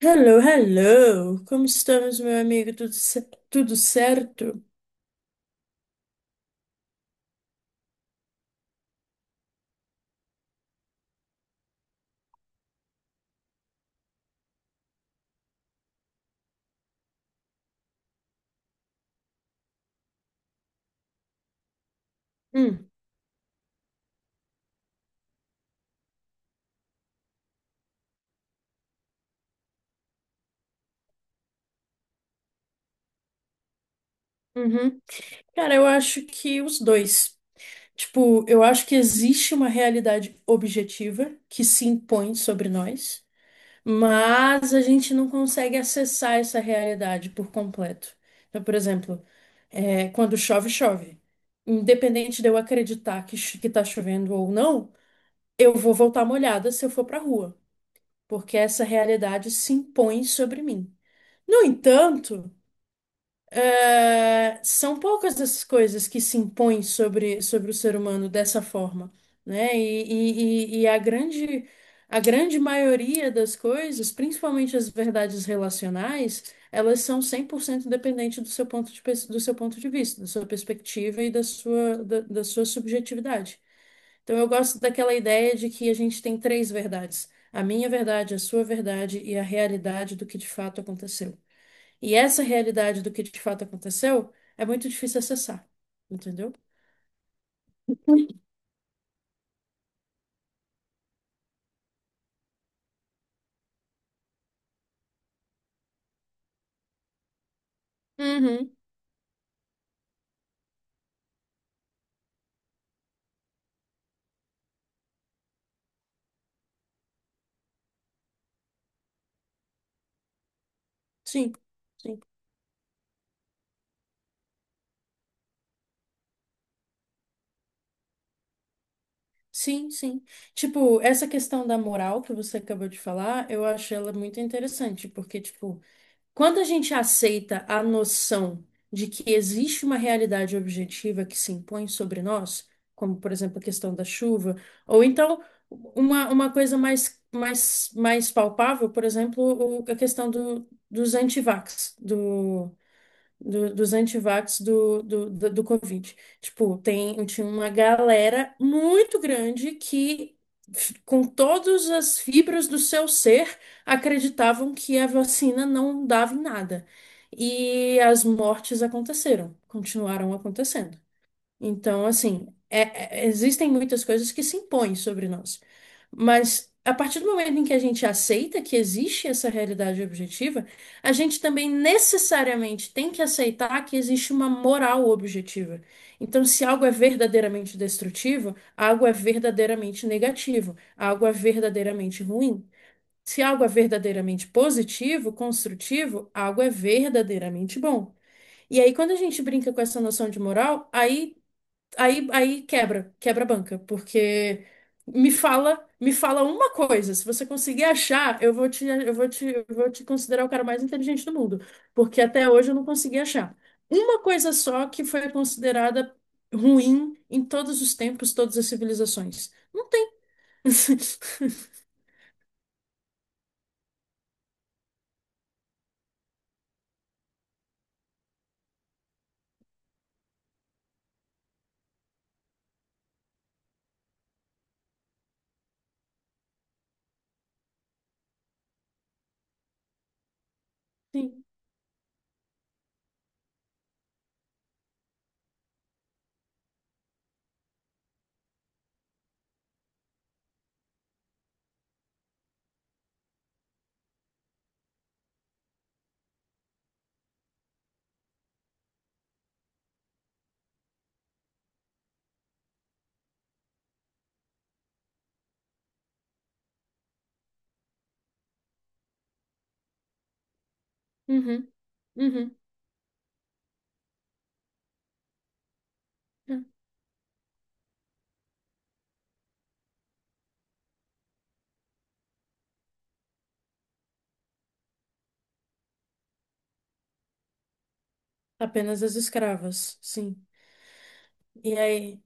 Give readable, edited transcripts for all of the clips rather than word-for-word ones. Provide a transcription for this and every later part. Hello, hello! Como estamos, meu amigo? Tudo, tudo certo? Hum, uhum. Cara, eu acho que os dois. Tipo, eu acho que existe uma realidade objetiva que se impõe sobre nós, mas a gente não consegue acessar essa realidade por completo. Então, por exemplo, quando chove, chove. Independente de eu acreditar que tá chovendo ou não, eu vou voltar molhada se eu for pra rua, porque essa realidade se impõe sobre mim. No entanto, são poucas as coisas que se impõem sobre o ser humano dessa forma, né? E a grande maioria das coisas, principalmente as verdades relacionais, elas são 100% dependentes do seu do seu ponto de vista, da sua perspectiva e da sua subjetividade. Então, eu gosto daquela ideia de que a gente tem três verdades: a minha verdade, a sua verdade e a realidade do que de fato aconteceu. E essa realidade do que de fato aconteceu é muito difícil acessar, entendeu? Uhum, sim, sim, sim, sim. Tipo, essa questão da moral que você acabou de falar, eu acho ela muito interessante, porque, tipo, quando a gente aceita a noção de que existe uma realidade objetiva que se impõe sobre nós, como, por exemplo, a questão da chuva, ou então uma coisa mais palpável, por exemplo, a questão dos antivax, do Covid. Tipo, tinha uma galera muito grande que, com todas as fibras do seu ser, acreditavam que a vacina não dava em nada. E as mortes aconteceram, continuaram acontecendo. Então, assim, existem muitas coisas que se impõem sobre nós. Mas a partir do momento em que a gente aceita que existe essa realidade objetiva, a gente também necessariamente tem que aceitar que existe uma moral objetiva. Então, se algo é verdadeiramente destrutivo, algo é verdadeiramente negativo, algo é verdadeiramente ruim. Se algo é verdadeiramente positivo, construtivo, algo é verdadeiramente bom. E aí, quando a gente brinca com essa noção de moral, aí quebra a banca, porque me fala uma coisa, se você conseguir achar, eu vou te, eu vou te, eu vou te considerar o cara mais inteligente do mundo, porque até hoje eu não consegui achar. Uma coisa só que foi considerada ruim em todos os tempos, todas as civilizações. Não tem. Sim. Uhum, uhum. É. Apenas as escravas, sim. E aí?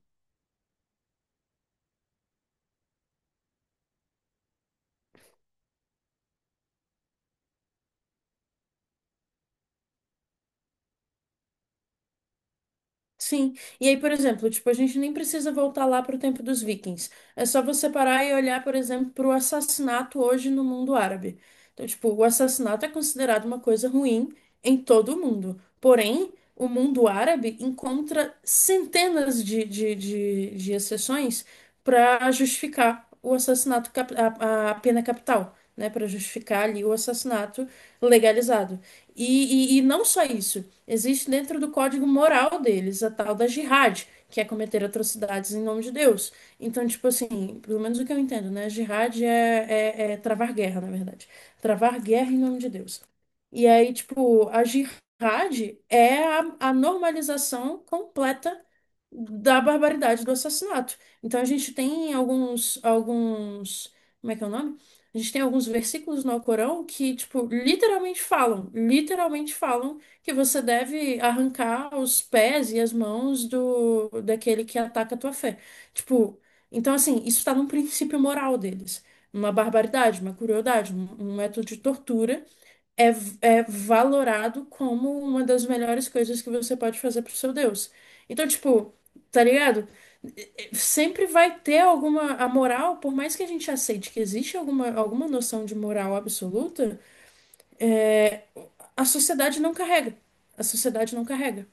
Sim. E aí, por exemplo, tipo, a gente nem precisa voltar lá para o tempo dos vikings. É só você parar e olhar, por exemplo, para o assassinato hoje no mundo árabe. Então, tipo, o assassinato é considerado uma coisa ruim em todo o mundo. Porém, o mundo árabe encontra centenas de exceções para justificar o assassinato, a pena capital, né? Para justificar ali o assassinato legalizado. E não só isso. Existe dentro do código moral deles a tal da jihad, que é cometer atrocidades em nome de Deus. Então, tipo assim, pelo menos o que eu entendo, né? Jihad é travar guerra, na verdade. Travar guerra em nome de Deus. E aí, tipo, a jihad é a normalização completa da barbaridade do assassinato. Então a gente tem alguns, como é que é o nome? A gente tem alguns versículos no Alcorão que, tipo, literalmente falam que você deve arrancar os pés e as mãos do daquele que ataca a tua fé. Tipo, então assim, isso está num princípio moral deles. Uma barbaridade, uma crueldade, um método de tortura é, é valorado como uma das melhores coisas que você pode fazer pro seu Deus. Então, tipo, tá ligado? Sempre vai ter alguma. A moral, por mais que a gente aceite que existe alguma noção de moral absoluta, é, a sociedade não carrega. A sociedade não carrega.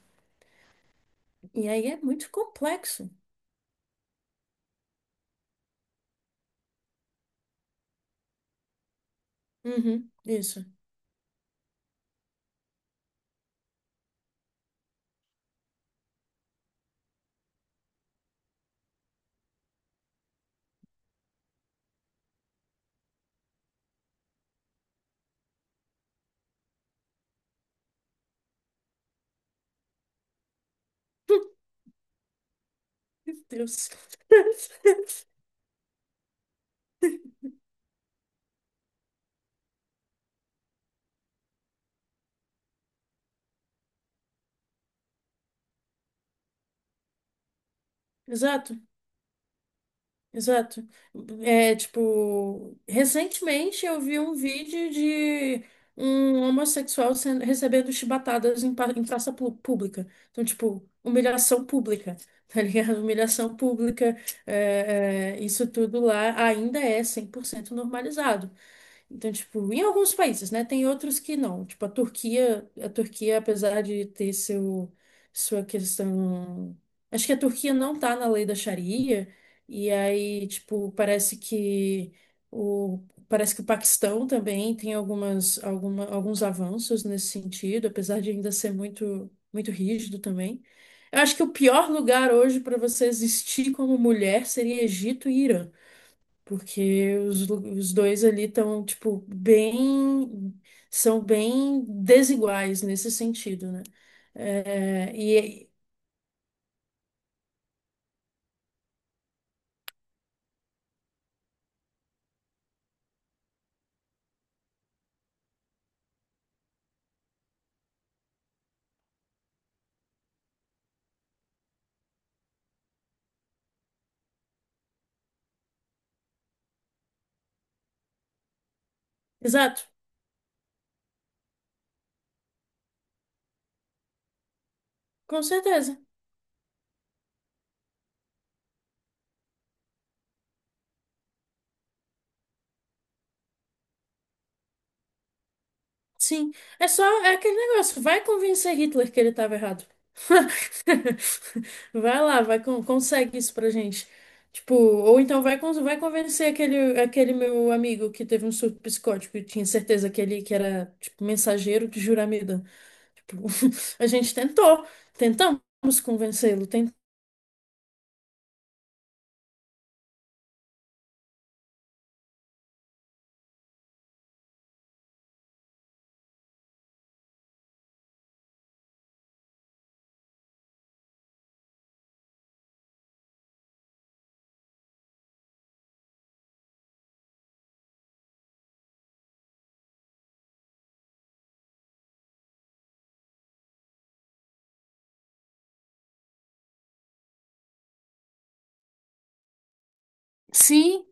E aí é muito complexo. Uhum, isso. Meu Deus. Exato. Exato. É, tipo, recentemente eu vi um vídeo de um homossexual recebendo chibatadas em praça pública. Então, tipo, humilhação pública, tá ligado? Humilhação pública, isso tudo lá ainda é 100% normalizado. Então, tipo, em alguns países, né? Tem outros que não. Tipo, a Turquia, apesar de ter sua questão. Acho que a Turquia não tá na lei da Sharia, e aí, tipo, o, parece que o Paquistão também tem alguns avanços nesse sentido, apesar de ainda ser muito, muito rígido também. Eu acho que o pior lugar hoje para você existir como mulher seria Egito e Irã. Porque os dois ali estão, tipo, bem. São bem desiguais nesse sentido, né? É, e, exato, com certeza. Sim. É só aquele negócio. Vai convencer Hitler que ele estava errado. Vai lá, consegue isso pra gente. Tipo, ou então vai convencer aquele meu amigo que teve um surto psicótico e tinha certeza que ele que era, tipo, mensageiro de juramento. Tipo, a gente tentamos convencê-lo, tentamos. Sim,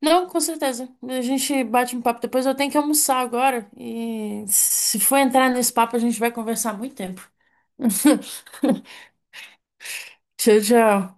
não, com certeza. A gente bate um papo depois. Eu tenho que almoçar agora. E se for entrar nesse papo, a gente vai conversar muito tempo. Tchau, tchau.